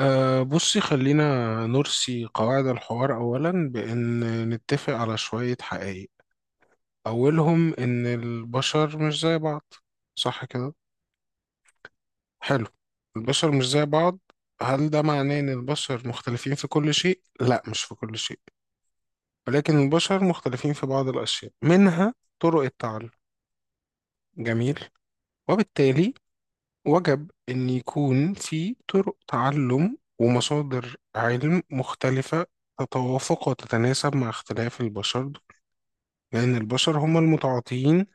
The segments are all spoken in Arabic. بصي خلينا نرسي قواعد الحوار أولا بأن نتفق على شوية حقائق. أولهم إن البشر مش زي بعض، صح كده؟ حلو، البشر مش زي بعض. هل ده معناه إن البشر مختلفين في كل شيء؟ لا، مش في كل شيء، ولكن البشر مختلفين في بعض الأشياء، منها طرق التعلم. جميل. وبالتالي وجب أن يكون في طرق تعلم ومصادر علم مختلفة تتوافق وتتناسب مع اختلاف البشر، لأن البشر هم المتعاطيين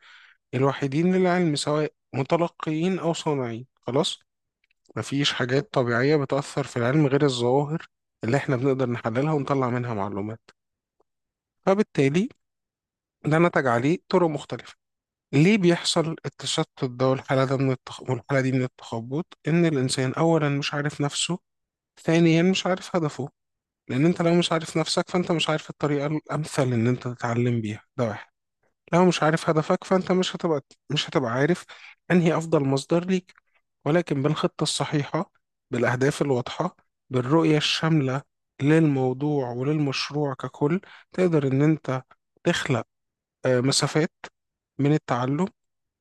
الوحيدين للعلم، سواء متلقيين أو صانعين. خلاص، مفيش حاجات طبيعية بتأثر في العلم غير الظواهر اللي احنا بنقدر نحللها ونطلع منها معلومات. فبالتالي ده نتج عليه طرق مختلفة. ليه بيحصل التشتت ده والحالة ده من والحالة دي من التخبط؟ إن الإنسان أولا مش عارف نفسه، ثانيا مش عارف هدفه. لان انت لو مش عارف نفسك فانت مش عارف الطريقة الامثل ان انت تتعلم بيها، ده واحد. لو مش عارف هدفك فانت مش هتبقى عارف انهي افضل مصدر ليك. ولكن بالخطة الصحيحة، بالاهداف الواضحة، بالرؤية الشاملة للموضوع وللمشروع ككل، تقدر ان انت تخلق مسافات من التعلم،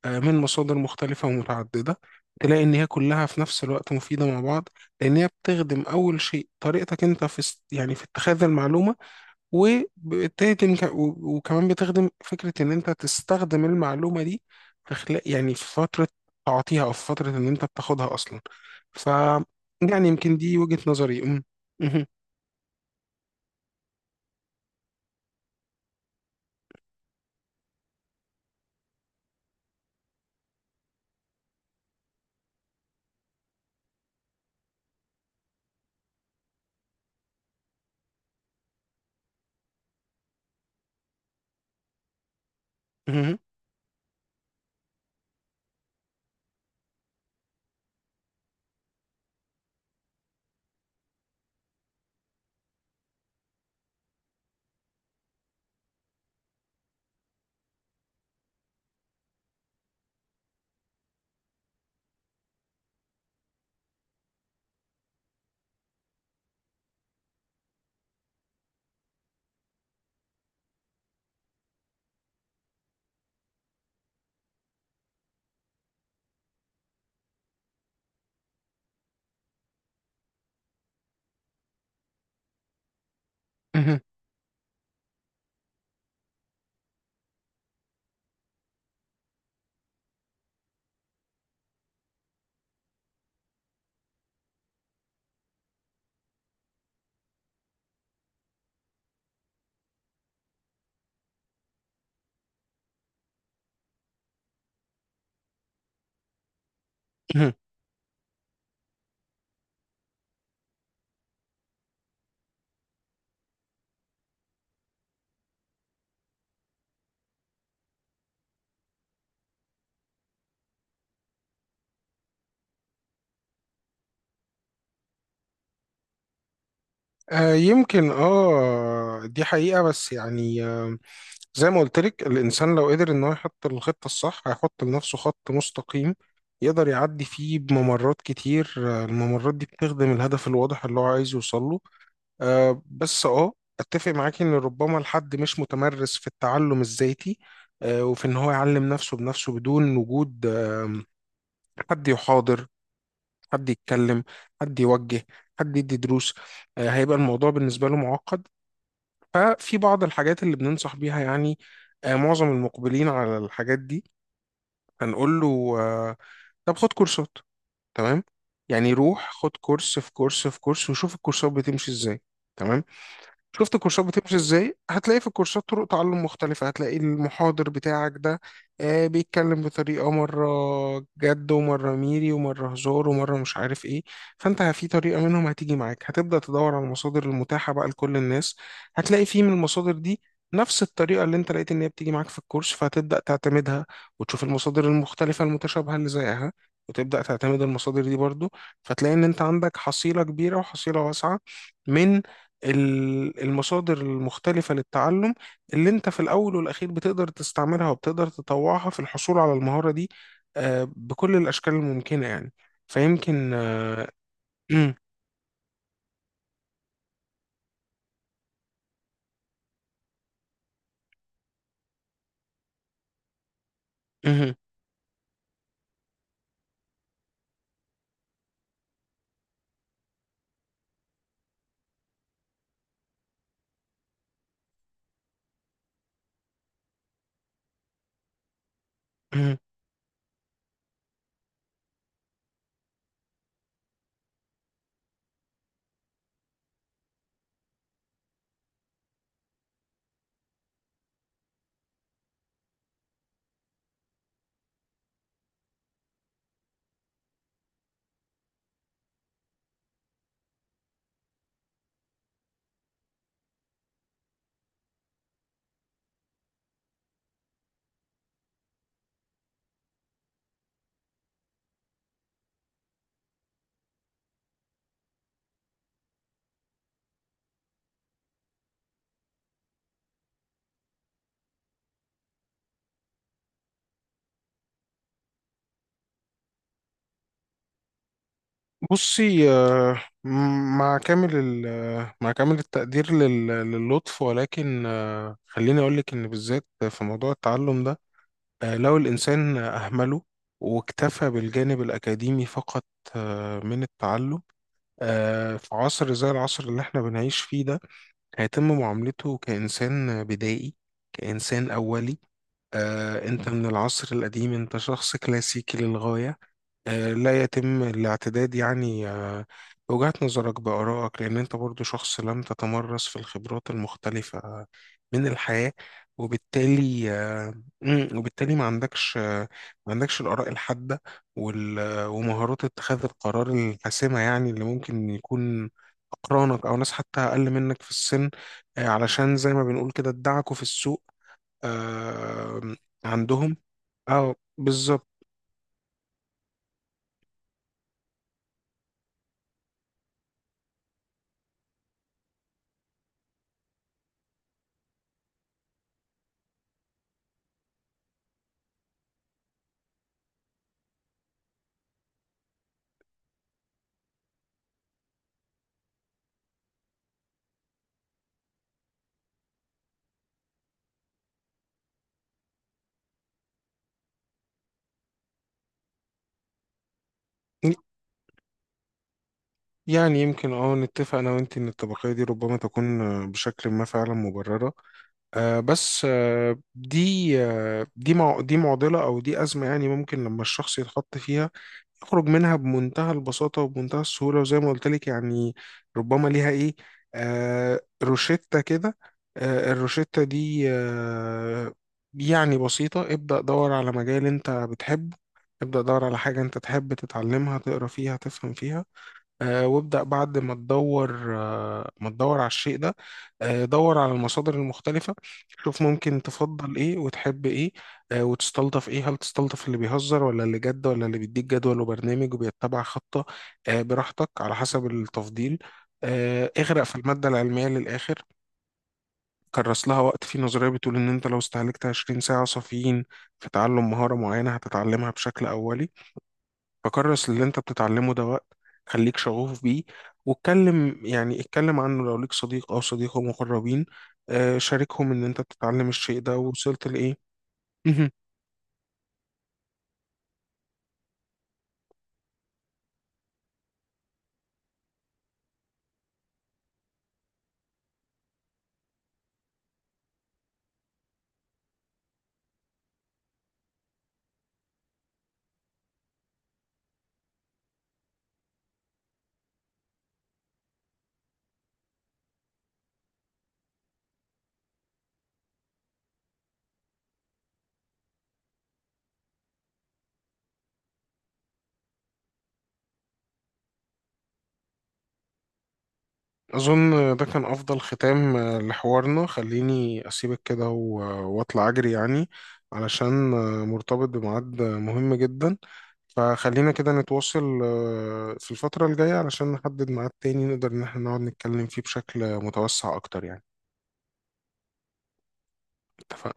من مصادر مختلفة ومتعددة، تلاقي إن هي كلها في نفس الوقت مفيدة مع بعض، لأن هي بتخدم أول شيء طريقتك أنت في يعني في اتخاذ المعلومة، وبتهدم وكمان بتخدم فكرة إن أنت تستخدم المعلومة دي في خلال، يعني في فترة تعطيها، أو في فترة إن أنت بتاخدها أصلا. ف يعني يمكن دي وجهة نظري. مهم. مهم. مهم. مهم. يمكن دي حقيقة، بس يعني، زي ما قلت لك، الإنسان لو قدر إن هو يحط الخطة الصح هيحط لنفسه خط مستقيم يقدر يعدي فيه بممرات كتير. الممرات دي بتخدم الهدف الواضح اللي هو عايز يوصل له. آه، بس اه أتفق معاكي إن ربما الحد مش متمرس في التعلم الذاتي، وفي إن هو يعلم نفسه بنفسه بدون وجود حد يحاضر، حد يتكلم، حد يوجه، حد يدي دروس. هيبقى الموضوع بالنسبة له معقد. ففي بعض الحاجات اللي بننصح بيها يعني، معظم المقبلين على الحاجات دي، هنقول له، طب خد كورسات. تمام، يعني روح خد كورس في كورس في كورس، وشوف الكورسات بتمشي ازاي. تمام. شفت الكورسات بتمشي ازاي، هتلاقي في الكورسات طرق تعلم مختلفة. هتلاقي المحاضر بتاعك ده بيتكلم بطريقة مرة جد، ومرة ميري، ومرة هزار، ومرة مش عارف ايه. فانت في طريقة منهم هتيجي معاك، هتبدأ تدور على المصادر المتاحة بقى لكل الناس، هتلاقي في من المصادر دي نفس الطريقة اللي انت لقيت ان هي بتيجي معاك في الكورس، فهتبدأ تعتمدها، وتشوف المصادر المختلفة المتشابهة اللي زيها، وتبدأ تعتمد المصادر دي برضو. فتلاقي ان انت عندك حصيلة كبيرة وحصيلة واسعة من المصادر المختلفة للتعلم، اللي انت في الأول والأخير بتقدر تستعملها وبتقدر تطوعها في الحصول على المهارة دي بكل الأشكال الممكنة يعني. فيمكن مم، مم، مم. بصي، مع كامل التقدير للطف، ولكن خليني أقول لك إن بالذات في موضوع التعلم ده، لو الإنسان أهمله واكتفى بالجانب الأكاديمي فقط من التعلم، في عصر زي العصر اللي احنا بنعيش فيه ده، هيتم معاملته كإنسان بدائي، كإنسان أولي. انت من العصر القديم، انت شخص كلاسيكي للغاية. لا يتم الاعتداد يعني بوجهة نظرك، بآرائك، لأن أنت برضو شخص لم تتمرس في الخبرات المختلفة من الحياة. وبالتالي وبالتالي ما عندكش الآراء الحادة ومهارات اتخاذ القرار الحاسمة، يعني اللي ممكن يكون أقرانك أو ناس حتى أقل منك في السن علشان زي ما بنقول كده ادعكوا في السوق، آه، عندهم. اه، بالظبط. يعني يمكن اه نتفق انا وانت ان الطبقية دي ربما تكون بشكل ما فعلا مبررة. آه بس آه دي آه دي مع دي معضلة او دي ازمة، يعني ممكن لما الشخص يتحط فيها يخرج منها بمنتهى البساطة وبمنتهى السهولة. وزي ما قلت لك، يعني ربما ليها ايه، روشتة كده. الروشتة دي يعني بسيطة: ابدأ دور على مجال انت بتحبه، ابدأ دور على حاجة انت تحب تتعلمها، تقرا فيها، تفهم فيها. وابدأ بعد ما تدور على الشيء ده، دور على المصادر المختلفة، شوف ممكن تفضل ايه وتحب ايه، وتستلطف ايه. هل تستلطف اللي بيهزر، ولا اللي جد، ولا اللي بيديك جدول وبرنامج وبيتبع خطة؟ براحتك على حسب التفضيل. اغرق في المادة العلمية للآخر، كرس لها وقت. في نظرية بتقول إن أنت لو استهلكت 20 ساعة صافيين في تعلم مهارة معينة هتتعلمها بشكل أولي. فكرس اللي انت بتتعلمه ده وقت، خليك شغوف بيه، واتكلم يعني اتكلم عنه، لو ليك صديق او صديقه مقربين شاركهم ان انت بتتعلم الشيء ده ووصلت لايه. مهم. اظن ده كان افضل ختام لحوارنا. خليني اسيبك كده و- واطلع اجري يعني، علشان مرتبط بميعاد مهم جدا، فخلينا كده نتواصل في الفترة الجاية علشان نحدد ميعاد تاني نقدر ان احنا نقعد نتكلم فيه بشكل متوسع اكتر يعني. اتفقنا.